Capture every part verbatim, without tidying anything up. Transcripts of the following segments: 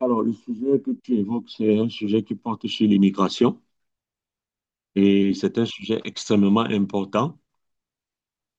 Alors, le sujet que tu évoques, c'est un sujet qui porte sur l'immigration et c'est un sujet extrêmement important.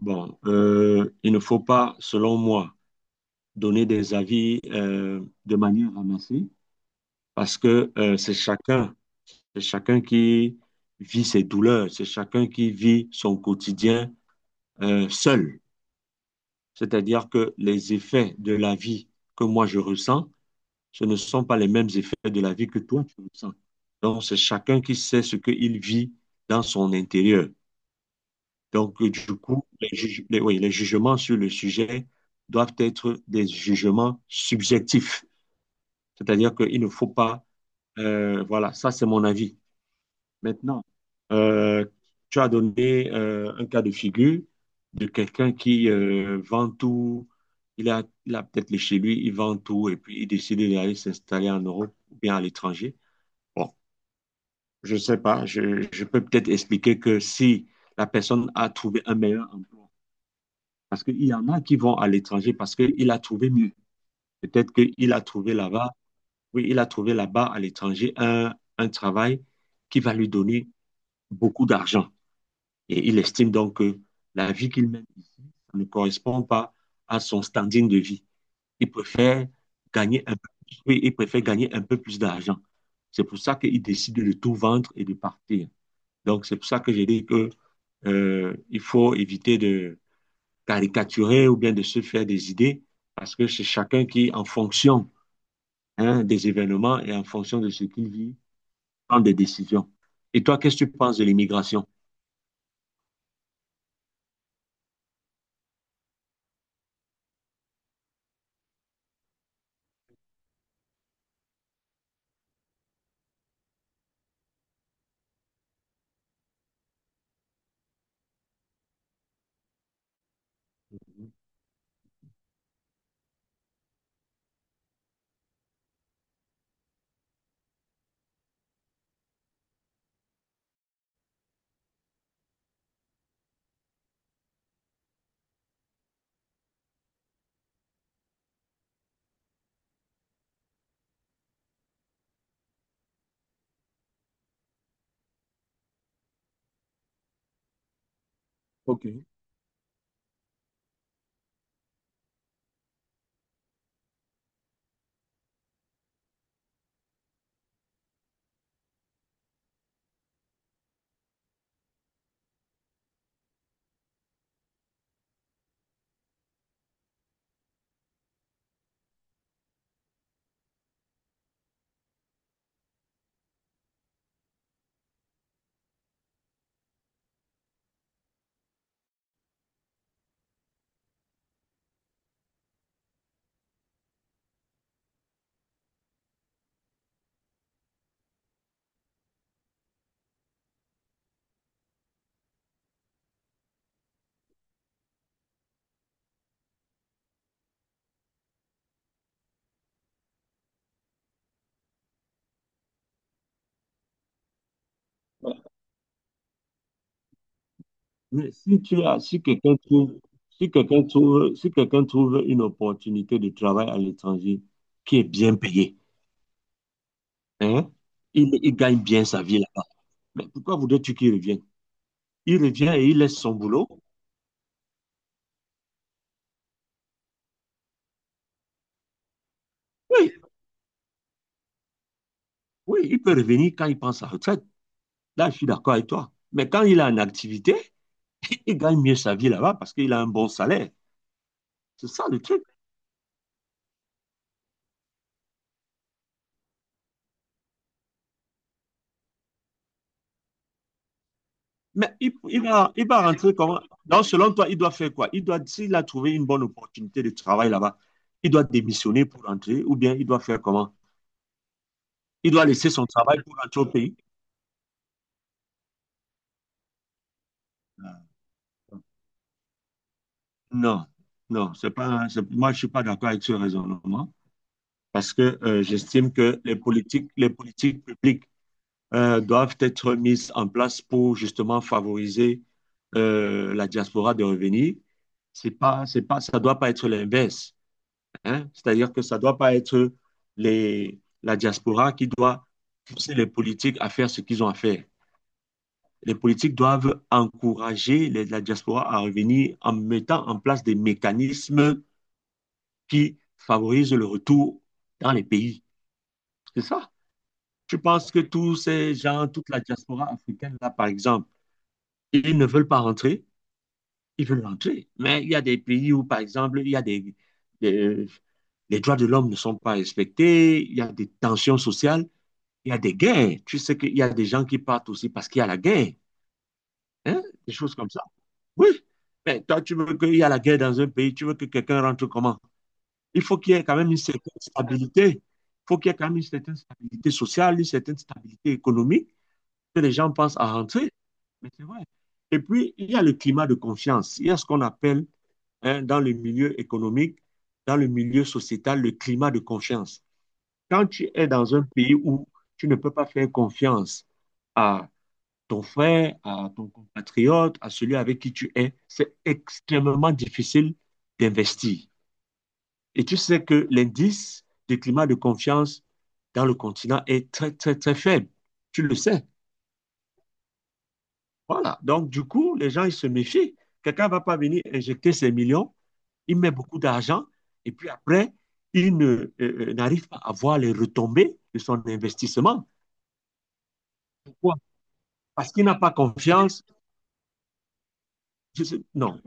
Bon, euh, il ne faut pas, selon moi, donner des avis euh, de manière ramassée parce que euh, c'est chacun, c'est chacun qui vit ses douleurs, c'est chacun qui vit son quotidien euh, seul. C'est-à-dire que les effets de la vie que moi je ressens ce ne sont pas les mêmes effets de la vie que toi, tu ressens. Donc, c'est chacun qui sait ce qu'il vit dans son intérieur. Donc, euh, du coup, les, juge- les- oui, les jugements sur le sujet doivent être des jugements subjectifs. C'est-à-dire qu'il ne faut pas, euh, voilà, ça c'est mon avis. Maintenant, euh, tu as donné euh, un cas de figure de quelqu'un qui euh, vend tout, il a, il a peut-être chez lui, il vend tout et puis il décide d'aller s'installer en Europe ou bien à l'étranger. Bon, je ne sais pas. Je, je peux peut-être expliquer que si la personne a trouvé un meilleur emploi, parce qu'il y en a qui vont à l'étranger parce qu'il a trouvé mieux. Peut-être qu'il a trouvé là-bas, oui, il a trouvé là-bas à l'étranger un, un travail qui va lui donner beaucoup d'argent. Et il estime donc que la vie qu'il mène ici ne correspond pas à son standing de vie. Il préfère gagner un peu, plus. Oui, il préfère gagner un peu plus d'argent. C'est pour ça qu'il décide de tout vendre et de partir. Donc, c'est pour ça que j'ai dit que euh, il faut éviter de caricaturer ou bien de se faire des idées, parce que c'est chacun qui, en fonction hein, des événements et en fonction de ce qu'il vit, prend des décisions. Et toi, qu'est-ce que tu penses de l'immigration? Ok. Mais si tu as, si quelqu'un trouve, si quelqu'un trouve, si quelqu'un trouve une opportunité de travail à l'étranger qui est bien payée, hein, il, il gagne bien sa vie là-bas. Mais pourquoi voudrais-tu qu'il revienne? Il revient et il laisse son boulot. Oui, oui, il peut revenir quand il prend sa retraite. Là, je suis d'accord avec toi. Mais quand il a une activité, il gagne mieux sa vie là-bas parce qu'il a un bon salaire. C'est ça le truc. Mais il, il va, il va rentrer comment? Donc, selon toi, il doit faire quoi? Il doit, s'il a trouvé une bonne opportunité de travail là-bas, il doit démissionner pour rentrer ou bien il doit faire comment? Il doit laisser son travail pour rentrer au pays? Ah, non, non, c'est pas, c'est- moi, je suis pas d'accord avec ce raisonnement parce que euh, j'estime que les politiques, les politiques publiques euh, doivent être mises en place pour justement favoriser euh, la diaspora de revenir. C'est pas, c'est pas, ça doit pas être l'inverse. Hein. C'est-à-dire que ça ne doit pas être les, la diaspora qui doit pousser les politiques à faire ce qu'ils ont à faire. Les politiques doivent encourager les- la diaspora à revenir en mettant en place des mécanismes qui favorisent le retour dans les pays. C'est ça. Je pense que tous ces gens, toute la diaspora africaine, là, par exemple, ils ne veulent pas rentrer, ils veulent rentrer. Mais il y a des pays où, par exemple, il y a des, des- les droits de l'homme ne sont pas respectés, il y a des tensions sociales. Il y a des guerres. Tu sais qu'il y a des gens qui partent aussi parce qu'il y a la guerre. Hein? Des choses comme ça. Oui. Mais toi, tu veux qu'il y ait la guerre dans un pays, tu veux que quelqu'un rentre comment? Il faut qu'il y ait quand même une certaine stabilité. Il faut qu'il y ait quand même une certaine stabilité sociale, une certaine stabilité économique, que les gens pensent à rentrer. Mais c'est vrai. Et puis, il y a le climat de confiance. Il y a ce qu'on appelle, hein, dans le milieu économique, dans le milieu sociétal, le climat de confiance. Quand tu es dans un pays où tu ne peux pas faire confiance à ton frère, à ton compatriote, à celui avec qui tu es, c'est extrêmement difficile d'investir. Et tu sais que l'indice du climat de confiance dans le continent est très, très, très faible. Tu le sais. Voilà. Donc, du coup, les gens, ils se méfient. Quelqu'un ne va pas venir injecter ses millions, il met beaucoup d'argent, et puis après, il ne, euh, euh, n'arrive pas à voir les retombées de son investissement. Pourquoi? Parce qu'il n'a pas confiance. Je sais- non.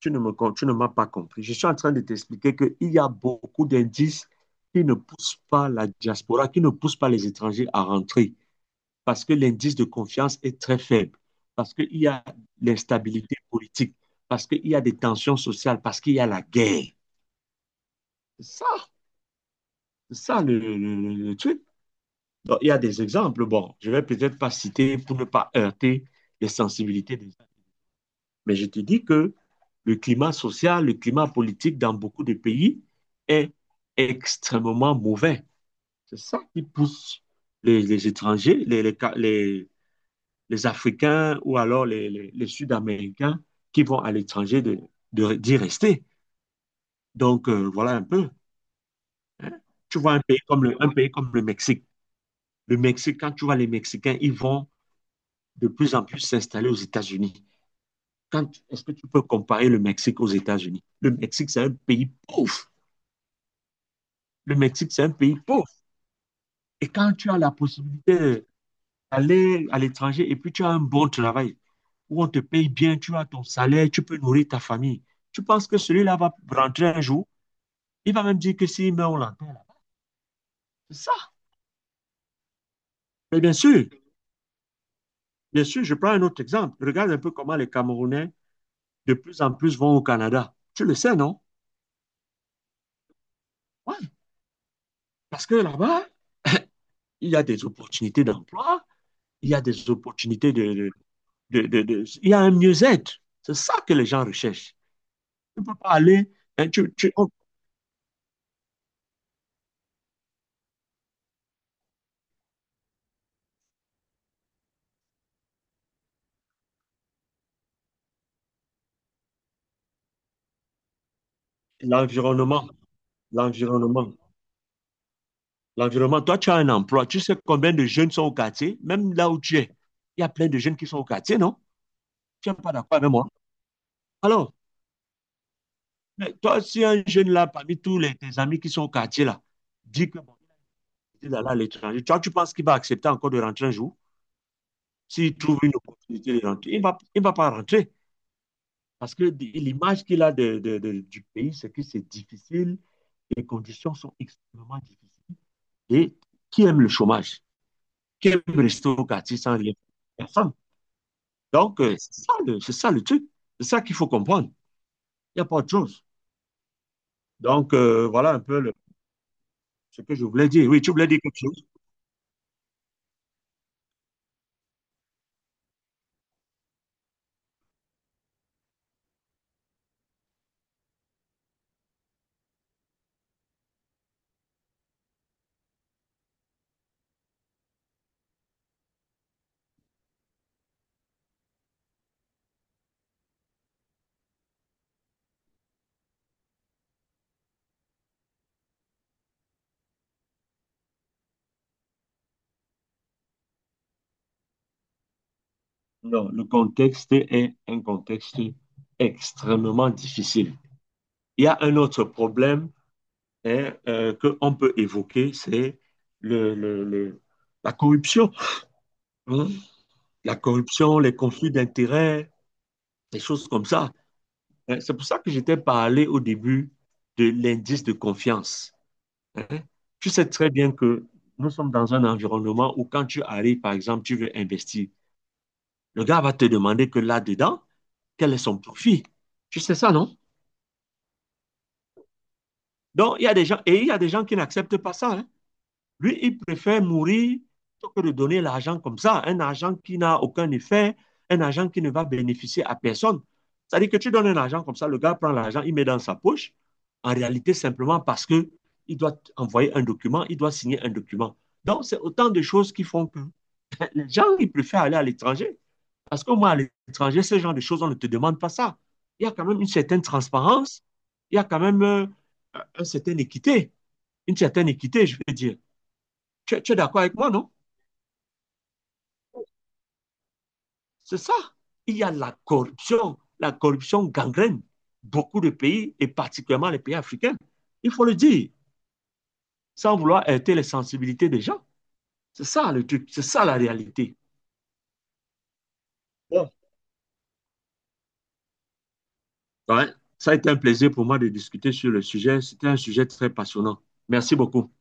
tu ne me, tu ne m'as pas compris. Je suis en train de t'expliquer qu'il y a beaucoup d'indices qui ne poussent pas la diaspora, qui ne poussent pas les étrangers à rentrer, parce que l'indice de confiance est très faible, parce qu'il y a l'instabilité politique, parce qu'il y a des tensions sociales, parce qu'il y a la guerre. ça, ça le, le- le- truc. Donc, il y a des exemples. Bon, je ne vais peut-être pas citer pour ne pas heurter les sensibilités des… Mais je te dis que le climat social, le climat politique dans beaucoup de pays est extrêmement mauvais. C'est ça qui pousse les, les étrangers, les, les, les, les Africains ou alors les, les, les Sud-Américains qui vont à l'étranger d'y de, d'y rester. Donc, euh, voilà un peu. Tu vois un pays, comme le, un pays comme le Mexique. Le Mexique, quand tu vois les Mexicains, ils vont de plus en plus s'installer aux États-Unis. Quand, est-ce que tu peux comparer le Mexique aux États-Unis? Le Mexique, c'est un pays pauvre. Le Mexique, c'est un pays pauvre. Et quand tu as la possibilité d'aller à l'étranger et puis tu as un bon travail, où on te paye bien, tu as ton salaire, tu peux nourrir ta famille, tu penses que celui-là va rentrer un jour, il va même dire que si, mais on l'entend. C'est ça. Mais bien sûr, bien sûr, je prends un autre exemple. Regarde un peu comment les Camerounais de plus en plus vont au Canada. Tu le sais, non? Oui. Parce que là-bas, il y a des opportunités d'emploi, il y a des opportunités de, de, de, de, de Il y a un mieux-être. C'est ça que les gens recherchent. Tu peux pas aller. hein, tu, tu- oh, l'environnement, l'environnement, l'environnement. Toi, tu as un emploi. Tu sais combien de jeunes sont au quartier, même là où tu es. Il y a plein de jeunes qui sont au quartier, non? Tu n'es pas d'accord avec moi? Alors, mais toi, si un jeune là, parmi tous les, tes amis qui sont au quartier là, dit que bon, il a décidé d'aller à l'étranger, toi, tu penses qu'il va accepter encore de rentrer un jour? S'il trouve une opportunité de rentrer, il va, il va pas rentrer. Parce que d- l'image qu'il a de- de- de- du pays, c'est que c'est difficile. Les conditions sont extrêmement difficiles. Et qui aime le chômage? Qui aime rester au quartier sans rien? Personne. Donc, euh, c'est ça le, c'est ça le truc. C'est ça qu'il faut comprendre. Il n'y a pas autre chose. Donc, euh, voilà un peu le- ce que je voulais dire. Oui, tu voulais dire quelque chose? Non, le contexte est un contexte extrêmement difficile. Il y a un autre problème hein, euh, qu'on peut évoquer, c'est le, le- le- la corruption. Hein. La corruption, les conflits d'intérêts, des choses comme ça. Hein, c'est pour ça que je t'ai parlé au début de l'indice de confiance. Hein. Tu sais très bien que nous sommes dans un environnement où quand tu arrives, par exemple, tu veux investir, le gars va te demander que là-dedans, quel est son profit. Tu sais ça, non? Donc, il y a des gens, et il y a des gens qui n'acceptent pas ça. Hein. Lui, il préfère mourir plutôt que de donner l'argent comme ça, un argent qui n'a aucun effet, un argent qui ne va bénéficier à personne. C'est-à-dire que tu donnes un argent comme ça, le gars prend l'argent, il met dans sa poche, en réalité simplement parce que il doit envoyer un document, il doit signer un document. Donc, c'est autant de choses qui font que les gens, ils préfèrent aller à l'étranger. Parce qu'au moins, à l'étranger, ce genre de choses, on ne te demande pas ça. Il y a quand même une certaine transparence, il y a quand même euh, une certaine équité, une certaine équité, je veux dire. Tu, tu es d'accord avec moi, non? C'est ça. Il y a la corruption. La corruption gangrène beaucoup de pays, et particulièrement les pays africains. Il faut le dire, sans vouloir heurter les sensibilités des gens. C'est ça le truc, c'est ça la réalité. Bon, ouais. ça a été un plaisir pour moi de discuter sur le sujet. C'était un sujet très passionnant. Merci beaucoup.